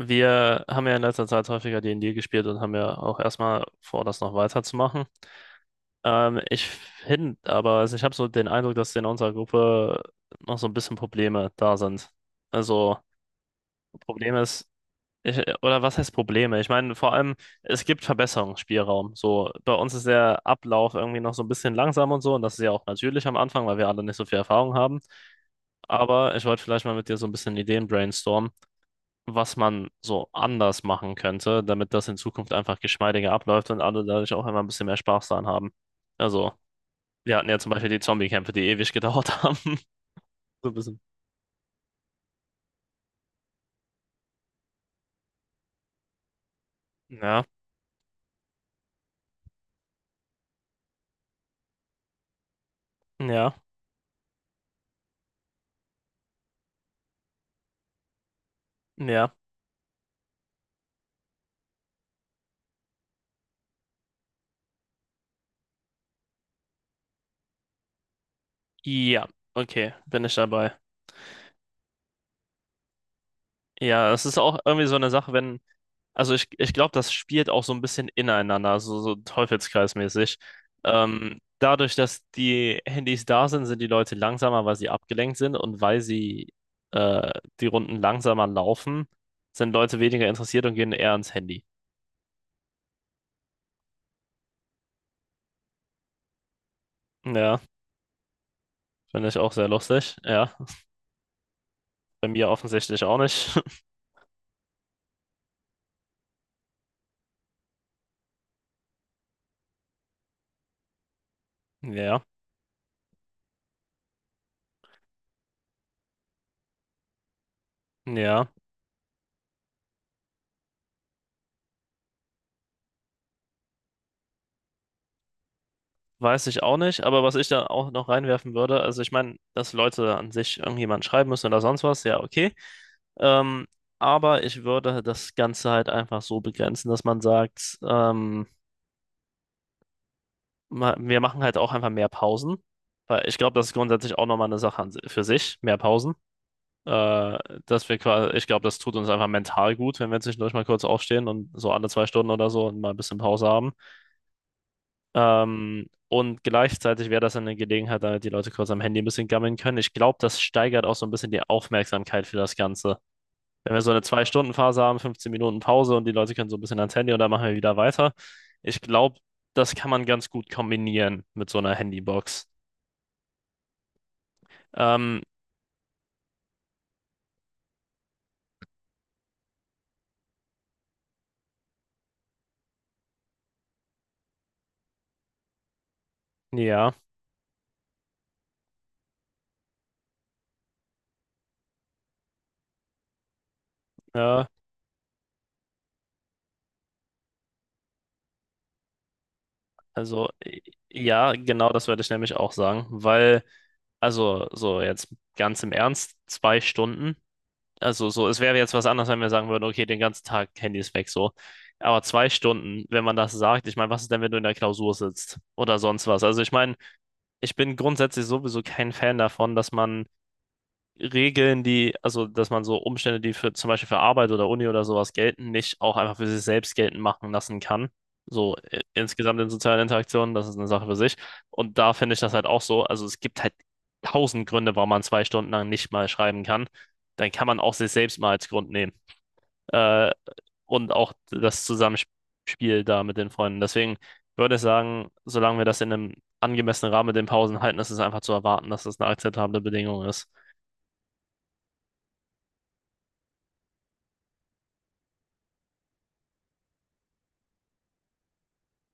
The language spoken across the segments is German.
Wir haben ja in letzter Zeit häufiger D&D gespielt und haben ja auch erstmal vor, das noch weiterzumachen. Ich finde aber, also ich habe so den Eindruck, dass in unserer Gruppe noch so ein bisschen Probleme da sind. Also, Problem ist, ich, oder was heißt Probleme? Ich meine, vor allem, es gibt Verbesserungsspielraum. So, bei uns ist der Ablauf irgendwie noch so ein bisschen langsam und so, und das ist ja auch natürlich am Anfang, weil wir alle nicht so viel Erfahrung haben. Aber ich wollte vielleicht mal mit dir so ein bisschen Ideen brainstormen, was man so anders machen könnte, damit das in Zukunft einfach geschmeidiger abläuft und alle dadurch auch immer ein bisschen mehr Spaß daran haben. Also, wir hatten ja zum Beispiel die Zombie-Kämpfe, die ewig gedauert haben. So ein bisschen. Ja, ja, ja. Ja, okay, bin ich dabei. Ja, es ist auch irgendwie so eine Sache, wenn. Also ich glaube, das spielt auch so ein bisschen ineinander, so, so teufelskreismäßig. Dadurch, dass die Handys da sind, sind die Leute langsamer, weil sie abgelenkt sind und weil sie äh, die Runden langsamer laufen, sind Leute weniger interessiert und gehen eher ans Handy. Ja, finde ich auch sehr lustig. Ja, bei mir offensichtlich auch nicht. Ja, ja, weiß ich auch nicht. Aber was ich da auch noch reinwerfen würde, also ich meine, dass Leute an sich irgendjemand schreiben müssen oder sonst was, ja, okay. Ähm, aber ich würde das Ganze halt einfach so begrenzen, dass man sagt, wir machen halt auch einfach mehr Pausen. Weil ich glaube, das ist grundsätzlich auch nochmal eine Sache für sich, mehr Pausen. Äh, Ich glaube, das tut uns einfach mental gut, wenn wir zwischendurch mal kurz aufstehen und so alle zwei Stunden oder so und mal ein bisschen Pause haben. Und gleichzeitig wäre das dann eine Gelegenheit, damit die Leute kurz am Handy ein bisschen gammeln können. Ich glaube, das steigert auch so ein bisschen die Aufmerksamkeit für das Ganze. Wenn wir so eine Zwei-Stunden-Phase haben, 15 Minuten Pause, und die Leute können so ein bisschen ans Handy und dann machen wir wieder weiter. Ich glaube, das kann man ganz gut kombinieren mit so einer Handybox. Ähm, ja, äh, also ja, genau das werde ich nämlich auch sagen, weil, also so jetzt ganz im Ernst, zwei Stunden, also so, es wäre jetzt was anderes, wenn wir sagen würden, okay, den ganzen Tag Handys weg, so. Aber zwei Stunden, wenn man das sagt, ich meine, was ist denn, wenn du in der Klausur sitzt oder sonst was? Also ich meine, ich bin grundsätzlich sowieso kein Fan davon, dass man Regeln, die, also dass man so Umstände, die für zum Beispiel für Arbeit oder Uni oder sowas gelten, nicht auch einfach für sich selbst geltend machen lassen kann. So insgesamt in sozialen Interaktionen, das ist eine Sache für sich. Und da finde ich das halt auch so. Also es gibt halt tausend Gründe, warum man zwei Stunden lang nicht mal schreiben kann. Dann kann man auch sich selbst mal als Grund nehmen. Äh, und auch das Zusammenspiel da mit den Freunden. Deswegen würde ich sagen, solange wir das in einem angemessenen Rahmen mit den Pausen halten, ist es einfach zu erwarten, dass das eine akzeptable Bedingung ist.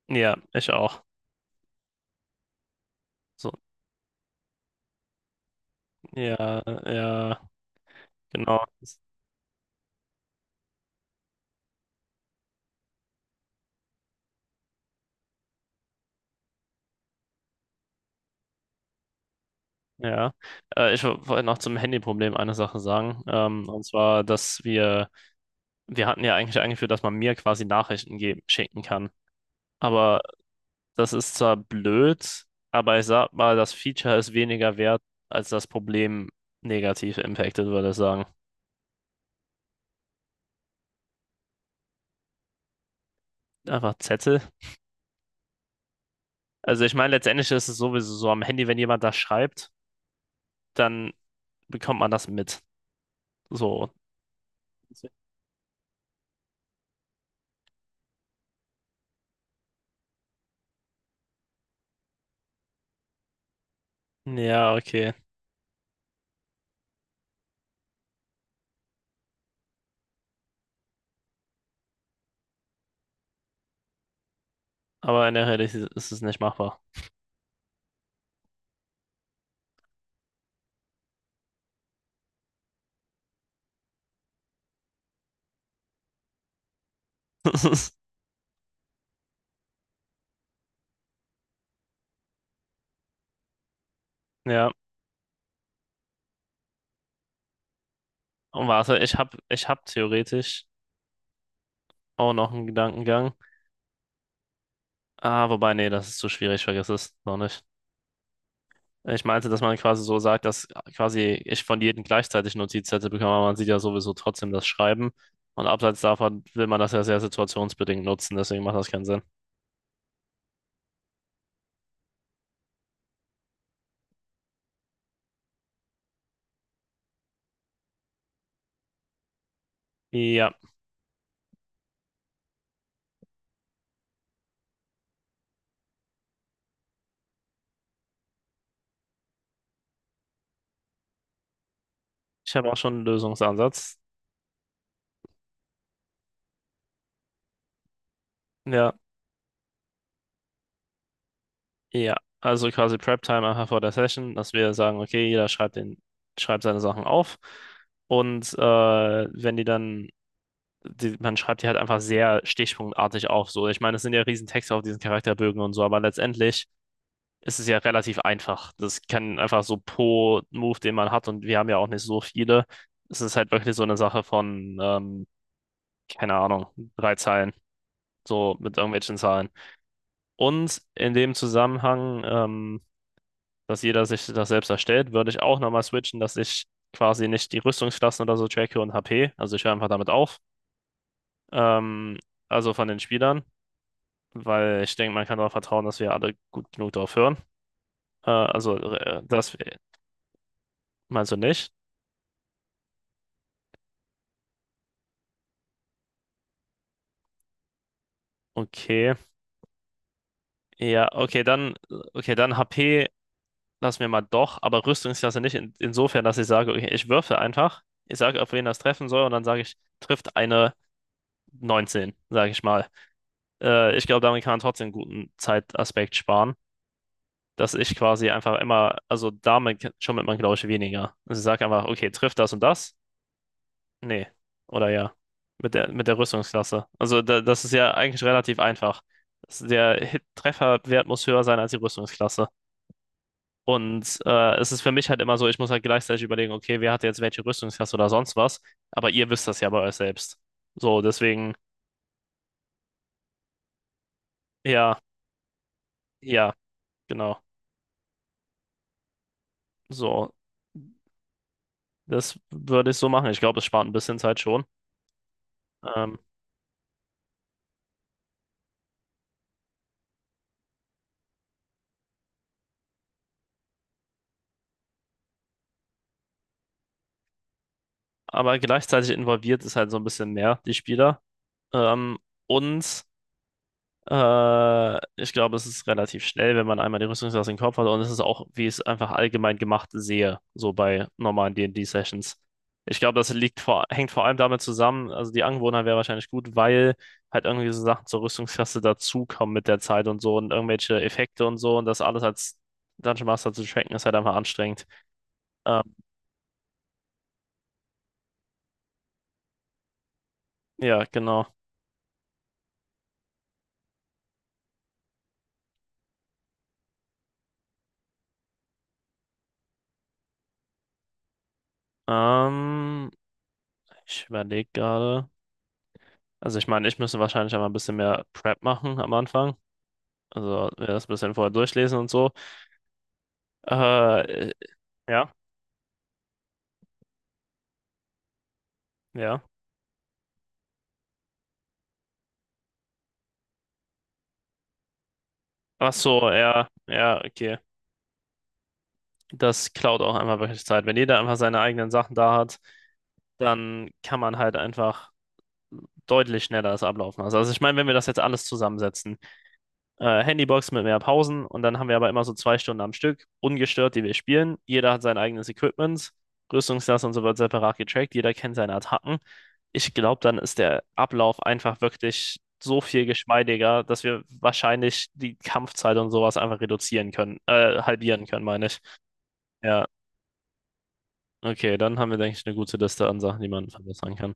Ja, ich auch. So, ja, ja, genau. Ja, ich wollte noch zum Handyproblem eine Sache sagen. Und zwar, wir hatten ja eigentlich eingeführt, dass man mir quasi Nachrichten geben, schicken kann. Aber das ist zwar blöd, aber ich sag mal, das Feature ist weniger wert, als das Problem negativ impactet, würde ich sagen. Einfach Zettel. Also ich meine, letztendlich ist es sowieso so am Handy, wenn jemand das schreibt, dann bekommt man das mit. So. Ja, okay. Aber in der Realität ist es nicht machbar. Ja. Und warte, ich hab theoretisch auch noch einen Gedankengang. Ah, wobei, nee, das ist zu schwierig, vergiss es noch nicht. Ich meinte, dass man quasi so sagt, dass quasi ich von jedem gleichzeitig Notizzettel bekomme, aber man sieht ja sowieso trotzdem das Schreiben. Und abseits davon will man das ja sehr situationsbedingt nutzen, deswegen macht das keinen Sinn. Ja, ich habe auch schon einen Lösungsansatz. Ja, ja. Also quasi Prep-Time einfach vor der Session, dass wir sagen, okay, jeder schreibt seine Sachen auf. Und wenn die dann, die, man schreibt die halt einfach sehr stichpunktartig auf. So, ich meine, es sind ja riesen Texte auf diesen Charakterbögen und so, aber letztendlich ist es ja relativ einfach. Das kann einfach so pro Move, den man hat, und wir haben ja auch nicht so viele. Es ist halt wirklich so eine Sache von, keine Ahnung, drei Zeilen, so mit irgendwelchen Zahlen. Und in dem Zusammenhang, dass jeder sich das selbst erstellt, würde ich auch nochmal switchen, dass ich quasi nicht die Rüstungsklassen oder so tracke und HP. Also ich höre einfach damit auf. Ähm, also von den Spielern, weil ich denke, man kann darauf vertrauen, dass wir alle gut genug drauf hören. Also, das meinst du nicht? Okay. Ja, okay, dann HP lassen wir mal doch, aber Rüstungsklasse nicht. Insofern, dass ich sage, okay, ich würfe einfach. Ich sage, auf wen das treffen soll, und dann sage ich, trifft eine 19, sage ich mal. Ich glaube, damit kann man trotzdem einen guten Zeitaspekt sparen, dass ich quasi einfach immer, also damit schummelt man, glaube ich, weniger. Also ich sage einfach, okay, trifft das und das? Nee. Oder ja. Mit der Rüstungsklasse. Also da, das ist ja eigentlich relativ einfach. Der Hit Trefferwert muss höher sein als die Rüstungsklasse. Und es ist für mich halt immer so, ich muss halt gleichzeitig überlegen, okay, wer hat jetzt welche Rüstungsklasse oder sonst was. Aber ihr wisst das ja bei euch selbst. So, deswegen, ja, ja, genau. So, das würde ich so machen. Ich glaube, es spart ein bisschen Zeit schon. Ähm, aber gleichzeitig involviert ist halt so ein bisschen mehr die Spieler. Ähm, und ich glaube, es ist relativ schnell, wenn man einmal die Rüstungsklasse im Kopf hat. Und es ist auch, wie ich es einfach allgemein gemacht sehe, so bei normalen D&D-Sessions. Ich glaube, hängt vor allem damit zusammen, also die Angewohnheit wäre wahrscheinlich gut, weil halt irgendwie so Sachen zur Rüstungsklasse dazukommen mit der Zeit und so und irgendwelche Effekte und so und das alles als Dungeon Master zu tracken, ist halt einfach anstrengend. Ähm, ja, genau. Ähm, Ich überlege gerade. Also ich meine, ich müsste wahrscheinlich einfach ein bisschen mehr Prep machen am Anfang. Also ja, das ein bisschen vorher durchlesen und so. Äh, äh, ja, ja. Ach so, ja, ja, okay. Das klaut auch einmal wirklich Zeit. Wenn jeder einfach seine eigenen Sachen da hat, dann kann man halt einfach deutlich schneller das ablaufen lassen. Also ich meine, wenn wir das jetzt alles zusammensetzen, Handybox mit mehr Pausen und dann haben wir aber immer so zwei Stunden am Stück, ungestört, die wir spielen. Jeder hat sein eigenes Equipment, Rüstungsklasse und so wird separat getrackt, jeder kennt seine Attacken. Ich glaube, dann ist der Ablauf einfach wirklich so viel geschmeidiger, dass wir wahrscheinlich die Kampfzeit und sowas einfach reduzieren können, halbieren können, meine ich. Ja, okay, dann haben wir, denke ich, eine gute Liste an Sachen, die man verbessern kann.